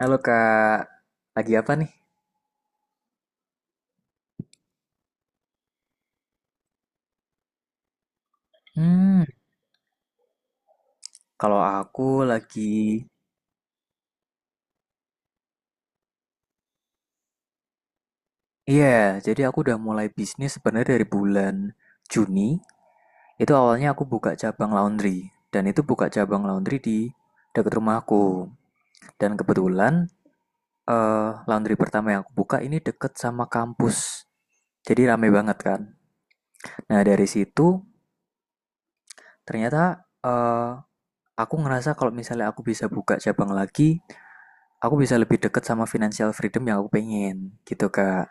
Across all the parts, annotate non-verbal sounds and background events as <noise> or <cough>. Halo Kak, lagi apa nih? Hmm, Kalau aku lagi, iya, jadi aku udah mulai bisnis sebenarnya dari bulan Juni. Itu awalnya aku buka cabang laundry, dan itu buka cabang laundry di dekat rumahku. Dan kebetulan laundry pertama yang aku buka ini deket sama kampus, jadi rame banget kan. Nah dari situ ternyata eh, aku ngerasa kalau misalnya aku bisa buka cabang lagi, aku bisa lebih dekat sama financial freedom yang aku pengen gitu kak.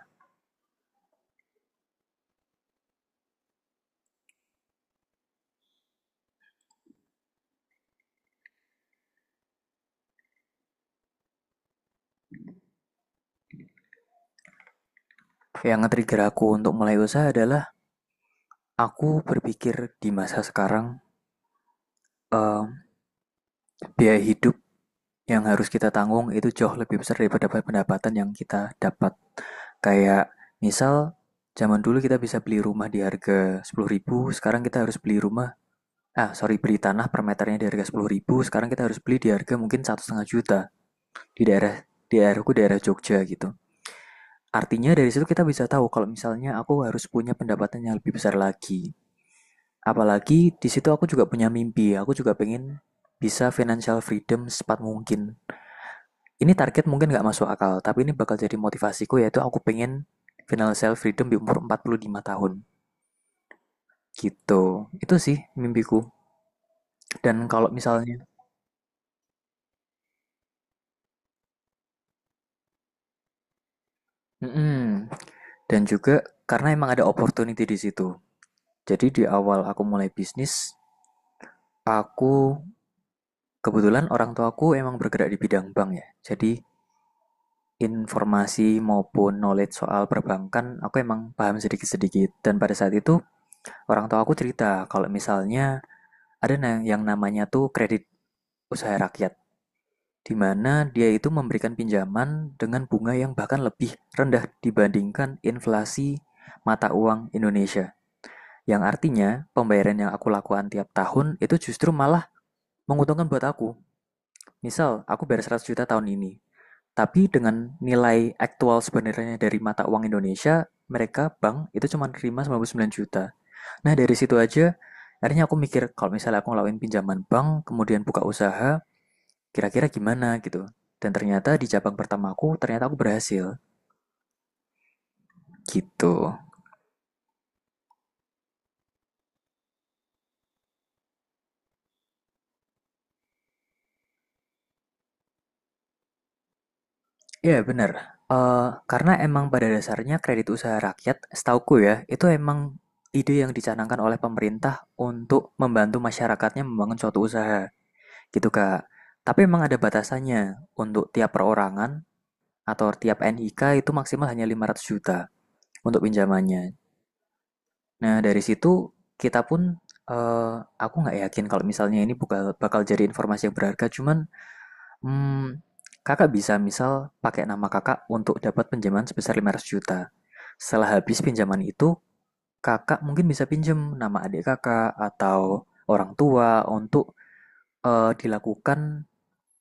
Yang nge-trigger aku untuk mulai usaha adalah aku berpikir di masa sekarang eh, biaya hidup yang harus kita tanggung itu jauh lebih besar daripada pendapatan yang kita dapat, kayak misal zaman dulu kita bisa beli rumah di harga 10.000, sekarang kita harus beli rumah ah sorry beli tanah per meternya di harga 10.000, sekarang kita harus beli di harga mungkin 1,5 juta di daerah di daerahku daerah Jogja gitu. Artinya dari situ kita bisa tahu kalau misalnya aku harus punya pendapatan yang lebih besar lagi. Apalagi di situ aku juga punya mimpi, aku juga pengen bisa financial freedom secepat mungkin. Ini target mungkin nggak masuk akal, tapi ini bakal jadi motivasiku, yaitu aku pengen financial freedom di umur 45 tahun. Gitu, itu sih mimpiku. Dan kalau misalnya, mm-mm. Dan juga karena emang ada opportunity di situ. Jadi di awal aku mulai bisnis, aku kebetulan orang tuaku emang bergerak di bidang bank ya, jadi informasi maupun knowledge soal perbankan aku emang paham sedikit-sedikit. Dan pada saat itu orang tua aku cerita kalau misalnya ada yang namanya tuh kredit usaha rakyat, di mana dia itu memberikan pinjaman dengan bunga yang bahkan lebih rendah dibandingkan inflasi mata uang Indonesia. Yang artinya pembayaran yang aku lakukan tiap tahun itu justru malah menguntungkan buat aku. Misal aku bayar 100 juta tahun ini, tapi dengan nilai aktual sebenarnya dari mata uang Indonesia, mereka bank itu cuma nerima 99 juta. Nah, dari situ aja akhirnya aku mikir kalau misalnya aku ngelakuin pinjaman bank, kemudian buka usaha, kira-kira gimana gitu. Dan ternyata di cabang pertama aku, ternyata aku berhasil gitu. Iya, bener. Karena emang pada dasarnya kredit usaha rakyat, setauku ya, itu emang ide yang dicanangkan oleh pemerintah untuk membantu masyarakatnya membangun suatu usaha. Gitu, Kak. Tapi memang ada batasannya. Untuk tiap perorangan atau tiap NIK itu maksimal hanya 500 juta untuk pinjamannya. Nah, dari situ kita pun eh, aku nggak yakin kalau misalnya ini bakal bakal jadi informasi yang berharga, cuman hmm, kakak bisa misal pakai nama kakak untuk dapat pinjaman sebesar 500 juta. Setelah habis pinjaman itu, kakak mungkin bisa pinjam nama adik kakak atau orang tua untuk dilakukan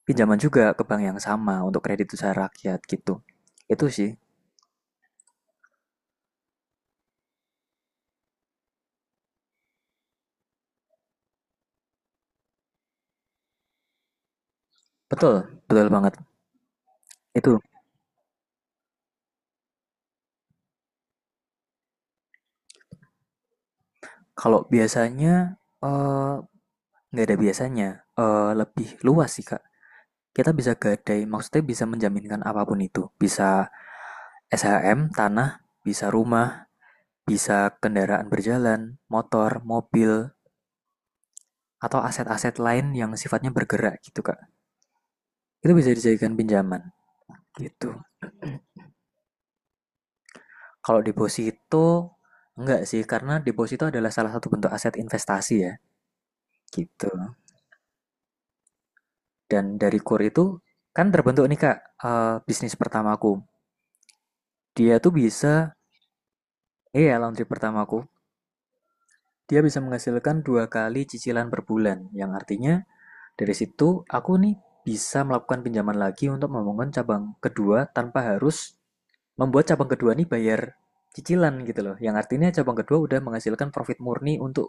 pinjaman juga ke bank yang sama untuk kredit usaha rakyat gitu. Itu sih. Betul, betul banget. Itu kalau biasanya eh, nggak ada biasanya, lebih luas sih, Kak. Kita bisa gadai, maksudnya bisa menjaminkan apapun itu. Bisa SHM, tanah, bisa rumah, bisa kendaraan berjalan, motor, mobil, atau aset-aset lain yang sifatnya bergerak gitu, Kak. Itu bisa dijadikan pinjaman gitu. Kalau deposito enggak sih, karena deposito adalah salah satu bentuk aset investasi ya, gitu. Dan dari kur itu kan terbentuk nih Kak, bisnis pertamaku. Dia tuh bisa, iya laundry pertamaku, dia bisa menghasilkan dua kali cicilan per bulan, yang artinya dari situ aku nih bisa melakukan pinjaman lagi untuk membangun cabang kedua tanpa harus membuat cabang kedua nih bayar cicilan gitu loh. Yang artinya cabang kedua udah menghasilkan profit murni untuk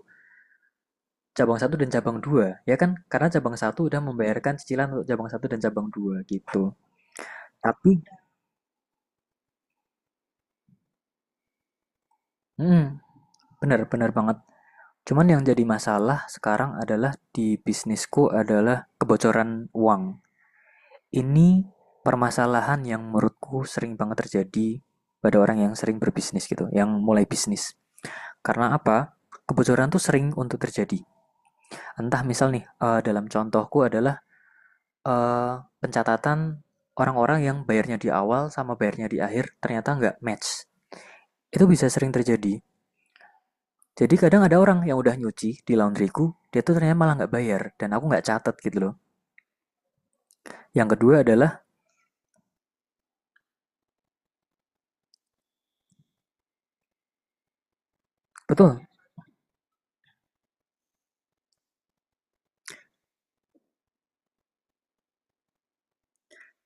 cabang satu dan cabang 2 ya kan? Karena cabang satu udah membayarkan cicilan untuk cabang satu dan cabang dua gitu. Tapi, hmm, benar benar banget. Cuman yang jadi masalah sekarang adalah di bisnisku adalah kebocoran uang. Ini permasalahan yang menurutku sering banget terjadi pada orang yang sering berbisnis gitu, yang mulai bisnis. Karena apa? Kebocoran tuh sering untuk terjadi. Entah misal nih, dalam contohku adalah eh, pencatatan orang-orang yang bayarnya di awal sama bayarnya di akhir ternyata nggak match. Itu bisa sering terjadi. Jadi kadang ada orang yang udah nyuci di laundryku, dia tuh ternyata malah nggak bayar dan aku nggak catat gitu loh. Yang kedua adalah. Betul,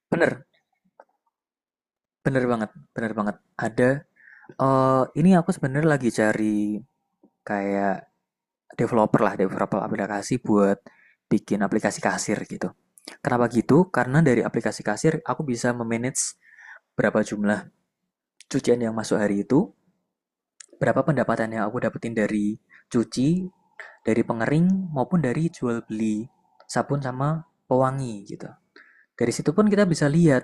bener, bener banget, bener banget. Ada ini aku sebenarnya lagi cari kayak developer lah, developer aplikasi buat bikin aplikasi kasir gitu. Kenapa gitu? Karena dari aplikasi kasir aku bisa memanage berapa jumlah cucian yang masuk hari itu, berapa pendapatan yang aku dapetin dari cuci, dari pengering, maupun dari jual beli sabun sama pewangi gitu. Dari situ pun kita bisa lihat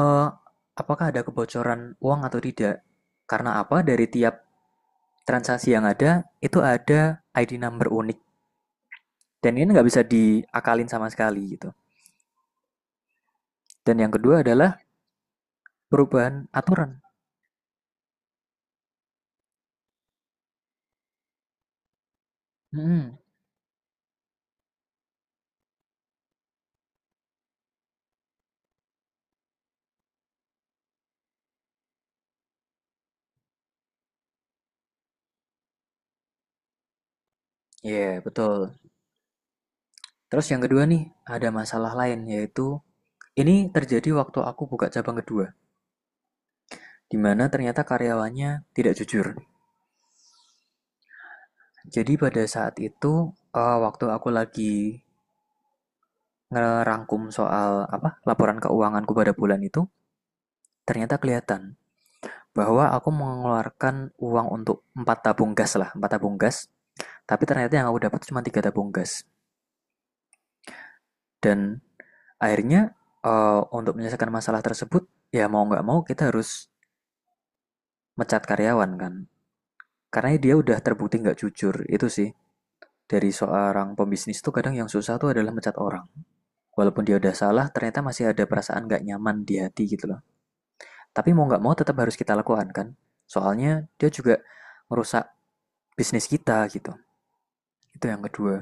eh, apakah ada kebocoran uang atau tidak. Karena apa? Dari tiap transaksi yang ada, itu ada ID number unik. Dan ini nggak bisa diakalin sama sekali gitu. Dan yang kedua adalah perubahan aturan. Hmm, iya betul. Terus yang kedua nih, ada masalah lain yaitu ini terjadi waktu aku buka cabang kedua, di mana ternyata karyawannya tidak jujur. Jadi pada saat itu, waktu aku lagi ngerangkum soal apa laporan keuanganku pada bulan itu, ternyata kelihatan bahwa aku mengeluarkan uang untuk empat tabung gas lah, empat tabung gas. Tapi ternyata yang aku dapat cuma tiga tabung gas. Dan akhirnya untuk menyelesaikan masalah tersebut, ya mau nggak mau kita harus mecat karyawan kan. Karena dia udah terbukti nggak jujur, itu sih. Dari seorang pembisnis tuh kadang yang susah tuh adalah mencat orang. Walaupun dia udah salah, ternyata masih ada perasaan nggak nyaman di hati gitu loh. Tapi mau nggak mau tetap harus kita lakukan kan? Soalnya dia juga merusak bisnis kita gitu. Itu yang kedua.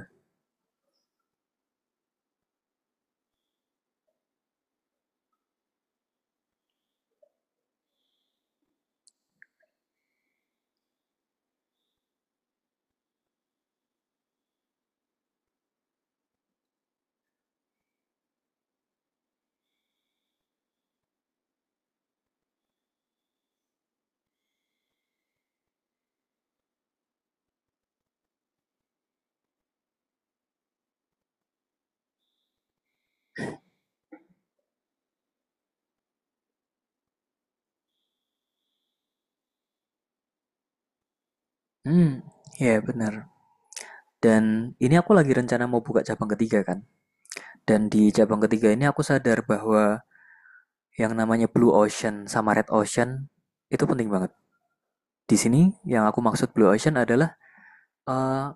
Hmm, ya yeah, benar. Dan ini aku lagi rencana mau buka cabang ketiga kan. Dan di cabang ketiga ini aku sadar bahwa yang namanya Blue Ocean sama Red Ocean itu penting banget. Di sini yang aku maksud Blue Ocean adalah eh,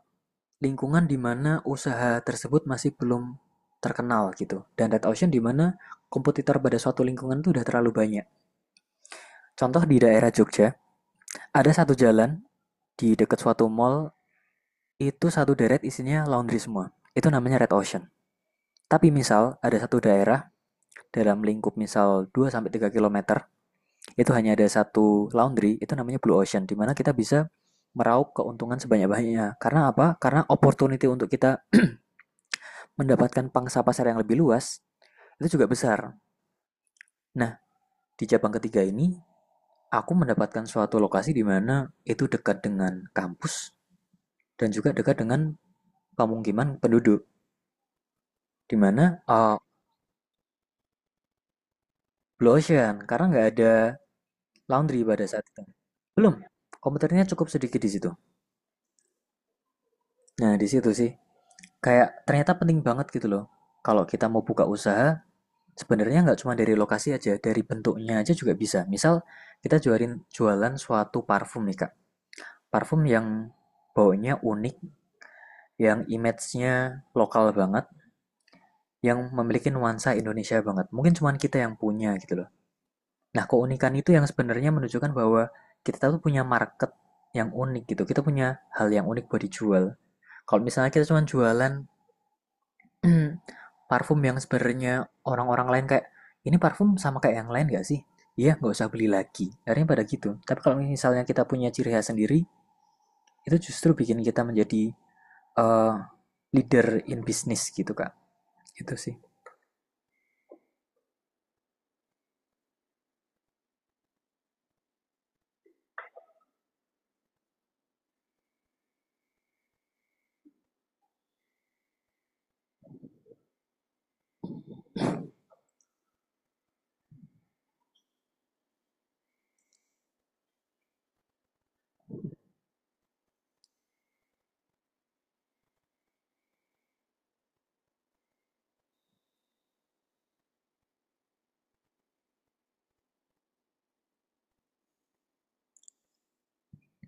lingkungan di mana usaha tersebut masih belum terkenal gitu. Dan Red Ocean di mana kompetitor pada suatu lingkungan itu udah terlalu banyak. Contoh di daerah Jogja, ada satu jalan di dekat suatu mall itu satu deret isinya laundry semua. Itu namanya Red Ocean. Tapi misal ada satu daerah dalam lingkup misal 2 sampai 3 kilometer itu hanya ada satu laundry, itu namanya Blue Ocean di mana kita bisa meraup keuntungan sebanyak-banyaknya. Karena apa? Karena opportunity untuk kita mendapatkan pangsa pasar yang lebih luas itu juga besar. Nah, di cabang ketiga ini, aku mendapatkan suatu lokasi di mana itu dekat dengan kampus dan juga dekat dengan pemukiman penduduk, di mana blue ocean, karena nggak ada laundry pada saat itu. Belum, komputernya cukup sedikit di situ. Nah, di situ sih, kayak ternyata penting banget gitu loh. Kalau kita mau buka usaha, sebenarnya nggak cuma dari lokasi aja, dari bentuknya aja juga bisa. Misal, kita jualin jualan suatu parfum nih, Kak. Parfum yang baunya unik, yang image-nya lokal banget, yang memiliki nuansa Indonesia banget. Mungkin cuma kita yang punya gitu loh. Nah, keunikan itu yang sebenarnya menunjukkan bahwa kita tuh punya market yang unik gitu. Kita punya hal yang unik buat dijual. Kalau misalnya kita cuma jualan <clears throat> parfum yang sebenarnya orang-orang lain kayak ini parfum sama kayak yang lain gak sih? Iya, nggak usah beli lagi. Akhirnya pada gitu. Tapi kalau misalnya kita punya ciri khas sendiri, itu justru bikin kita menjadi uh, leader in business gitu, Kak. Itu sih.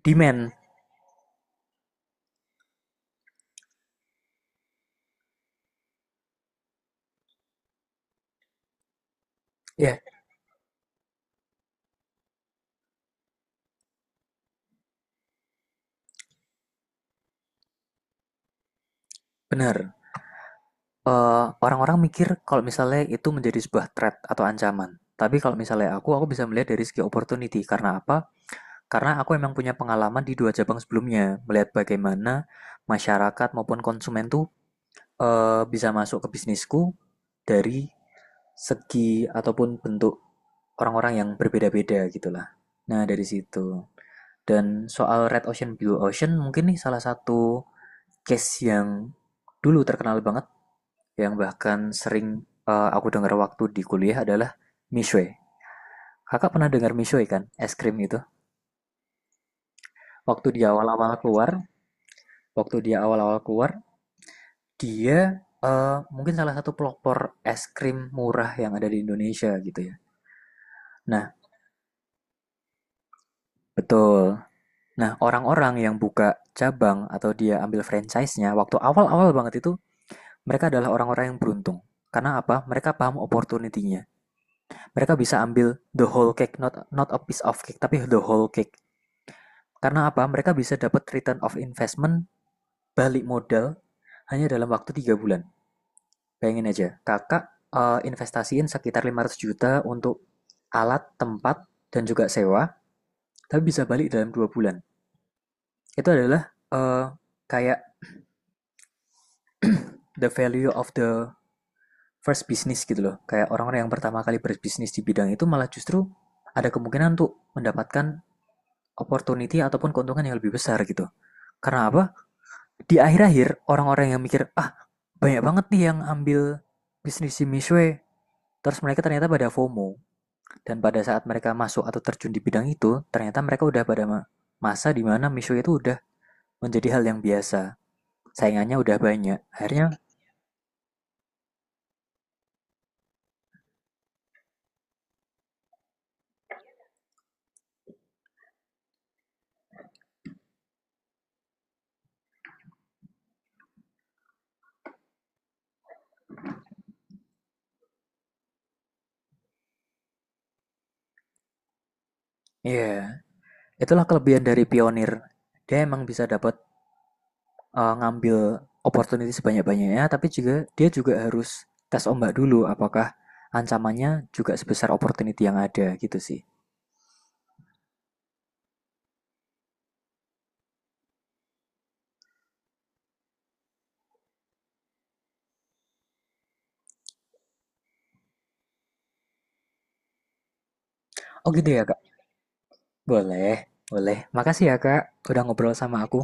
Demand. Ya, yeah, benar. Eh, orang-orang mikir kalau misalnya itu menjadi sebuah threat atau ancaman. Tapi kalau misalnya aku bisa melihat dari segi opportunity. Karena apa? Karena aku emang punya pengalaman di dua cabang sebelumnya. Melihat bagaimana masyarakat maupun konsumen tuh bisa masuk ke bisnisku dari segi ataupun bentuk orang-orang yang berbeda-beda gitulah. Nah, dari situ. Dan soal Red Ocean, Blue Ocean mungkin nih salah satu case yang dulu terkenal banget yang bahkan sering aku dengar waktu di kuliah adalah Mishwe. Kakak pernah dengar Mishwe kan? Es krim itu. Waktu dia awal-awal keluar, waktu dia awal-awal keluar, dia mungkin salah satu pelopor es krim murah yang ada di Indonesia gitu ya. Nah, betul. Nah, orang-orang yang buka cabang atau dia ambil franchise-nya waktu awal-awal banget itu, mereka adalah orang-orang yang beruntung. Karena apa? Mereka paham opportunity-nya. Mereka bisa ambil the whole cake, not not a piece of cake, tapi the whole cake. Karena apa? Mereka bisa dapat return of investment, balik modal hanya dalam waktu 3 bulan. Bayangin aja, kakak investasiin sekitar 500 juta untuk alat, tempat, dan juga sewa, tapi bisa balik dalam 2 bulan. Itu adalah eh, kayak the value of the first business gitu loh. Kayak orang-orang yang pertama kali berbisnis di bidang itu malah justru ada kemungkinan untuk mendapatkan opportunity ataupun keuntungan yang lebih besar gitu. Karena apa? Di akhir-akhir orang-orang yang mikir, ah banyak banget nih yang ambil bisnis di Mishwe. Terus mereka ternyata pada FOMO. Dan pada saat mereka masuk atau terjun di bidang itu, ternyata mereka udah pada masa di mana Mishwe itu udah menjadi hal yang biasa. Saingannya udah banyak. Akhirnya, ya, yeah, itulah kelebihan dari pionir. Dia emang bisa dapat ngambil opportunity sebanyak-banyaknya, tapi juga dia juga harus tes ombak dulu apakah ancamannya juga sebesar opportunity yang ada gitu sih. Oh gitu ya kak? Boleh, boleh. Makasih ya kak udah ngobrol sama aku.